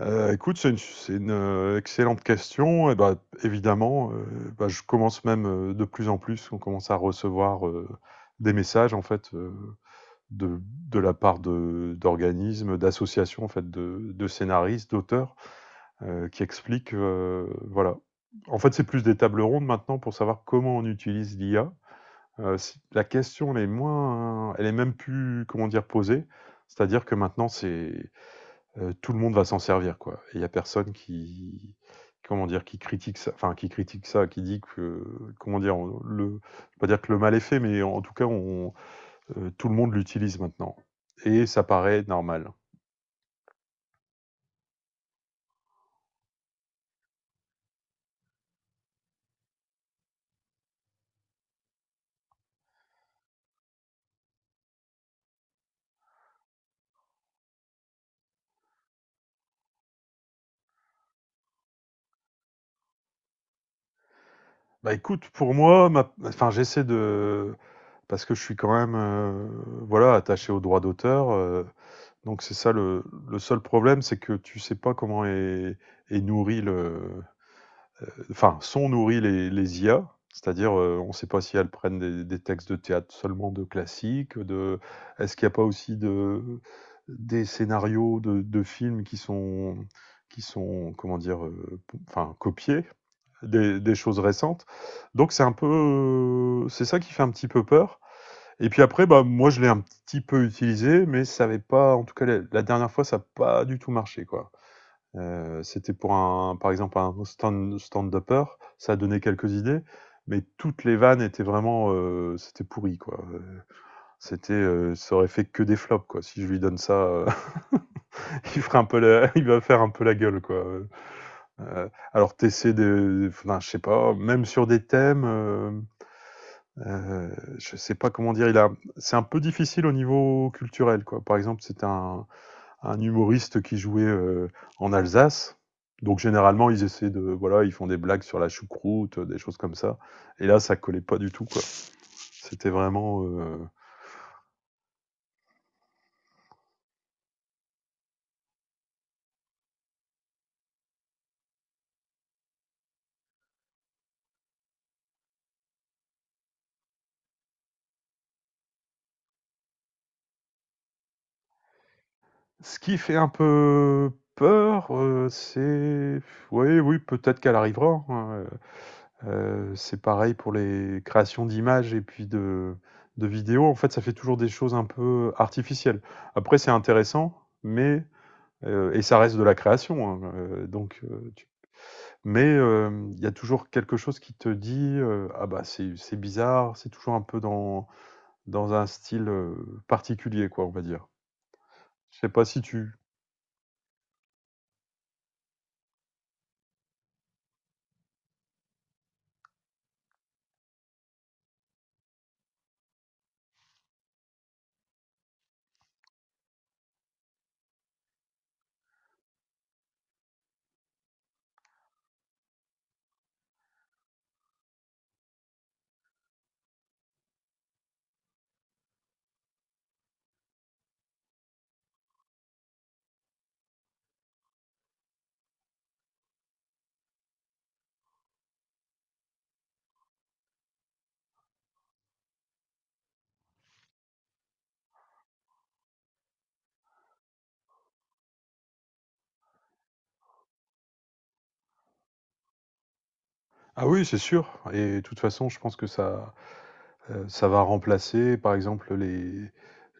Écoute, c'est une excellente question. Évidemment, heu, je commence même, de plus en plus, on commence à recevoir, des messages en fait, de de la part de d'organismes, d'associations en fait de scénaristes, d'auteurs, qui expliquent, voilà. En fait, c'est plus des tables rondes maintenant pour savoir comment on utilise l'IA. C La question, elle est moins elle est même plus, comment dire, posée. C'est-à-dire que maintenant, c'est tout le monde va s'en servir, quoi. Et il n'y a personne qui, comment dire, qui critique ça, qui dit que, comment dire, je vais pas dire que le mal est fait, mais en tout cas, tout le monde l'utilise maintenant. Et ça paraît normal. Bah écoute, pour moi, enfin, j'essaie de, parce que je suis quand même, voilà, attaché aux droits d'auteur. Donc c'est ça, le seul problème, c'est que tu sais pas est nourri, sont nourris les IA. C'est-à-dire, on ne sait pas si elles prennent des textes de théâtre seulement de classiques, de... est-ce qu'il n'y a pas aussi des scénarios de films qui sont, qui sont, comment dire, copiés, des choses récentes. Donc c'est un peu, c'est ça qui fait un petit peu peur. Et puis après, bah, moi je l'ai un petit peu utilisé, mais ça n'avait pas, en tout cas la dernière fois, ça n'a pas du tout marché, quoi. C'était pour un par exemple un stand-upper, ça a donné quelques idées, mais toutes les vannes étaient vraiment, c'était pourri, quoi, ça aurait fait que des flops, quoi. Si je lui donne ça, il fera un peu la il va faire un peu la gueule, quoi, alors tu de enfin je sais pas, même sur des thèmes, je sais pas comment dire, il a c'est un peu difficile au niveau culturel, quoi. Par exemple, c'était un humoriste qui jouait en Alsace. Donc généralement, ils essaient de, voilà, ils font des blagues sur la choucroute, des choses comme ça. Et là, ça collait pas du tout, quoi. C'était vraiment, ce qui fait un peu peur, c'est oui, oui, peut-être qu'elle arrivera, hein, c'est pareil pour les créations d'images et puis de vidéos. En fait, ça fait toujours des choses un peu artificielles. Après, c'est intéressant, mais et ça reste de la création, hein, donc, tu mais il y a toujours quelque chose qui te dit, «Ah bah, c'est bizarre», c'est toujours un peu dans un style, particulier, quoi, on va dire. Je sais pas si tu ah oui, c'est sûr, et de toute façon, je pense que ça va remplacer par exemple les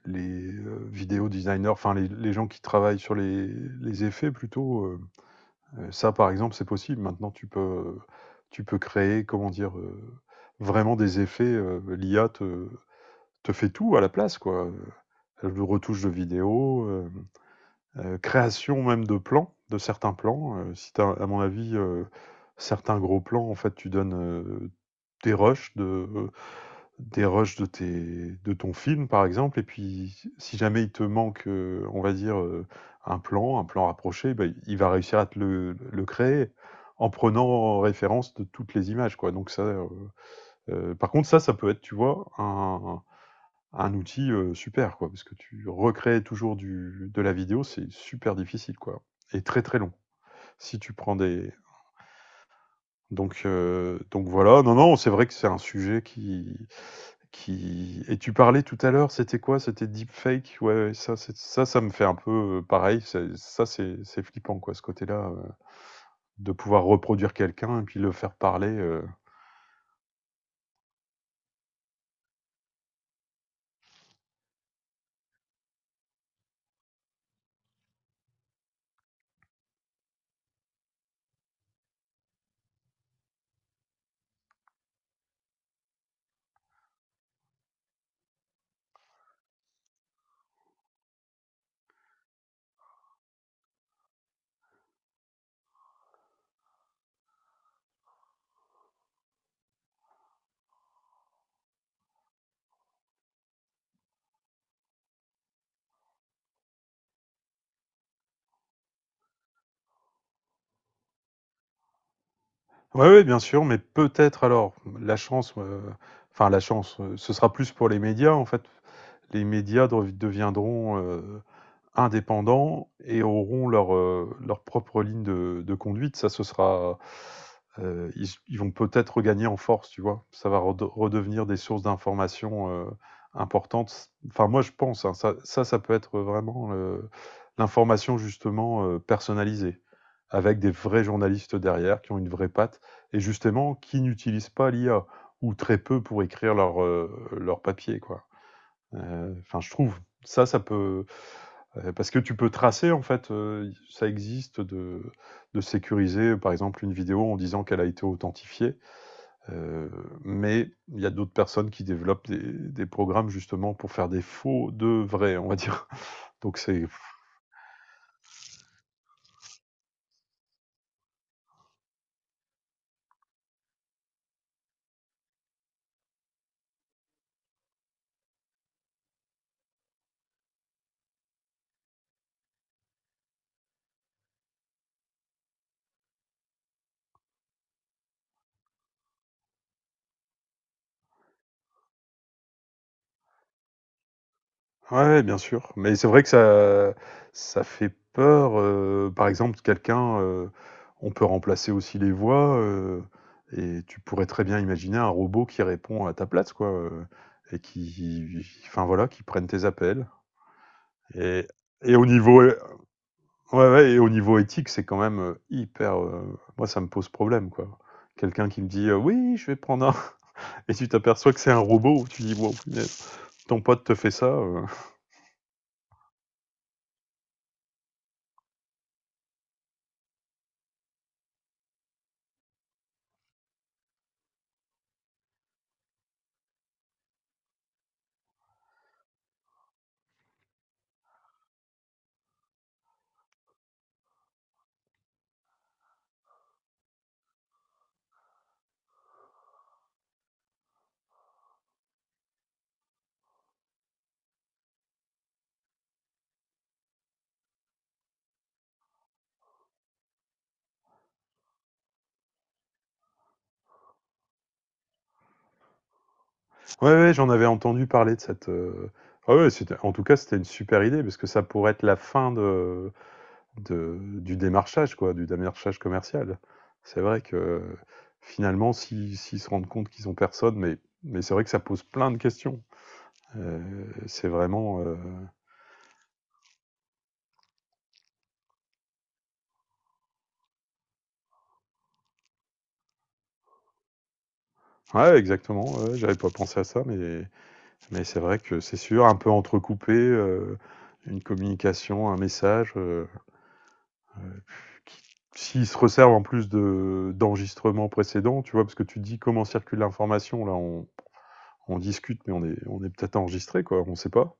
les, heu, vidéo designers, enfin les gens qui travaillent sur les effets plutôt, ça par exemple, c'est possible. Maintenant tu peux créer, comment dire, vraiment des effets, l'IA te fait tout à la place, quoi, le retouche de vidéos, création même de plans, de certains plans, si t'as à mon avis, certains gros plans, en fait, tu donnes, tes rushs de des rushs de ton film, par exemple, et puis si jamais il te manque, on va dire, un plan rapproché, bah, il va réussir à te le créer en prenant en référence de toutes les images, quoi, donc par contre, ça peut être, tu vois, un outil, super, quoi, parce que tu recrées toujours du de la vidéo, c'est super difficile, quoi, et très, très long. Si tu prends des donc voilà, non, non, c'est vrai que c'est un sujet qui et tu parlais tout à l'heure, c'était quoi? C'était deepfake? Ouais, ouais, ça ça me fait un peu, pareil, c'est ça c'est flippant, quoi, ce côté-là, de pouvoir reproduire quelqu'un et puis le faire parler, ouais, ouais, bien sûr, mais peut-être alors la chance, heu, la chance, ce sera plus pour les médias en fait. Les médias deviendront indépendants et auront leur propre ligne de conduite. Ça, ce sera. Ils vont peut-être regagner en force, tu vois. Ça va redevenir des sources d'informations importantes. Enfin, moi, je pense, hein, ça peut être vraiment l'information, justement, personnalisée, avec des vrais journalistes derrière qui ont une vraie patte et justement qui n'utilisent pas l'IA ou très peu pour écrire leur papier, quoi. Je trouve. Ça peut, parce que tu peux tracer, en fait, ça existe de sécuriser, par exemple, une vidéo en disant qu'elle a été authentifiée, heu, mais il y a d'autres personnes qui développent des programmes justement pour faire des faux de vrais, on va dire. Donc c'est ouais, ouais, bien sûr, mais c'est vrai que ça fait peur, par exemple quelqu'un, on peut remplacer aussi les voix, et tu pourrais très bien imaginer un robot qui répond à ta place, quoi, et qui, enfin voilà, qui prenne tes appels et et au niveau ouais, ouais, et au niveau éthique, c'est quand même, hyper, moi, ça me pose problème, quoi. Quelqu'un qui me dit, «Oui, je vais prendre un» et tu t'aperçois que c'est un robot, tu dis: «Waouh punaise, ton pote te fait ça,» Ouais, ouais, j'en avais entendu parler de cette. Ah ouais, c'était... En tout cas, c'était une super idée parce que ça pourrait être la fin de... du démarchage, quoi, du démarchage commercial. C'est vrai que finalement, s'ils se rendent compte qu'ils ont personne, mais c'est vrai que ça pose plein de questions. Euh, c'est vraiment. Ouais, exactement, ouais, j'avais pas pensé à ça, mais c'est vrai que c'est sûr, un peu entrecoupé, une communication, un message. S'ils se resservent en plus de d'enregistrements précédents, tu vois, parce que tu te dis comment circule l'information, là on discute, mais on est peut-être enregistré, quoi, on ne sait pas.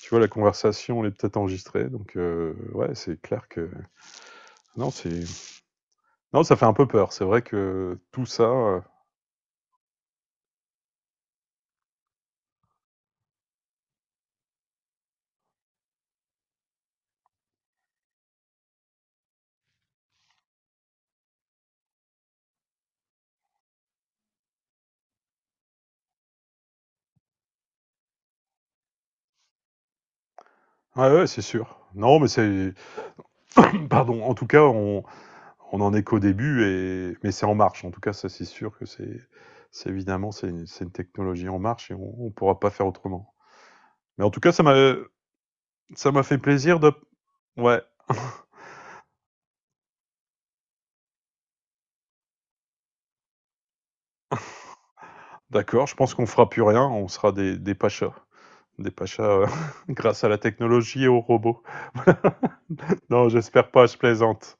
Tu vois, la conversation, elle est peut-être enregistrée, donc ouais, c'est clair que... Non, c'est... Non, ça fait un peu peur, c'est vrai que tout ça... ouais, ouais, c'est sûr. Non, mais c'est... Pardon, en tout cas, on en est qu'au début, et... mais c'est en marche, en tout cas, ça c'est sûr que c'est... C'est évidemment, c'est une technologie en marche et on ne pourra pas faire autrement. Mais en tout cas, ça m'a, Ça m'a fait plaisir de. Ouais, d'accord, je pense qu'on fera plus rien, on sera des pachas. Des pachas grâce à la technologie et aux robots. Non, j'espère pas, je plaisante.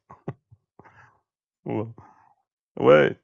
Ouais, Ouais,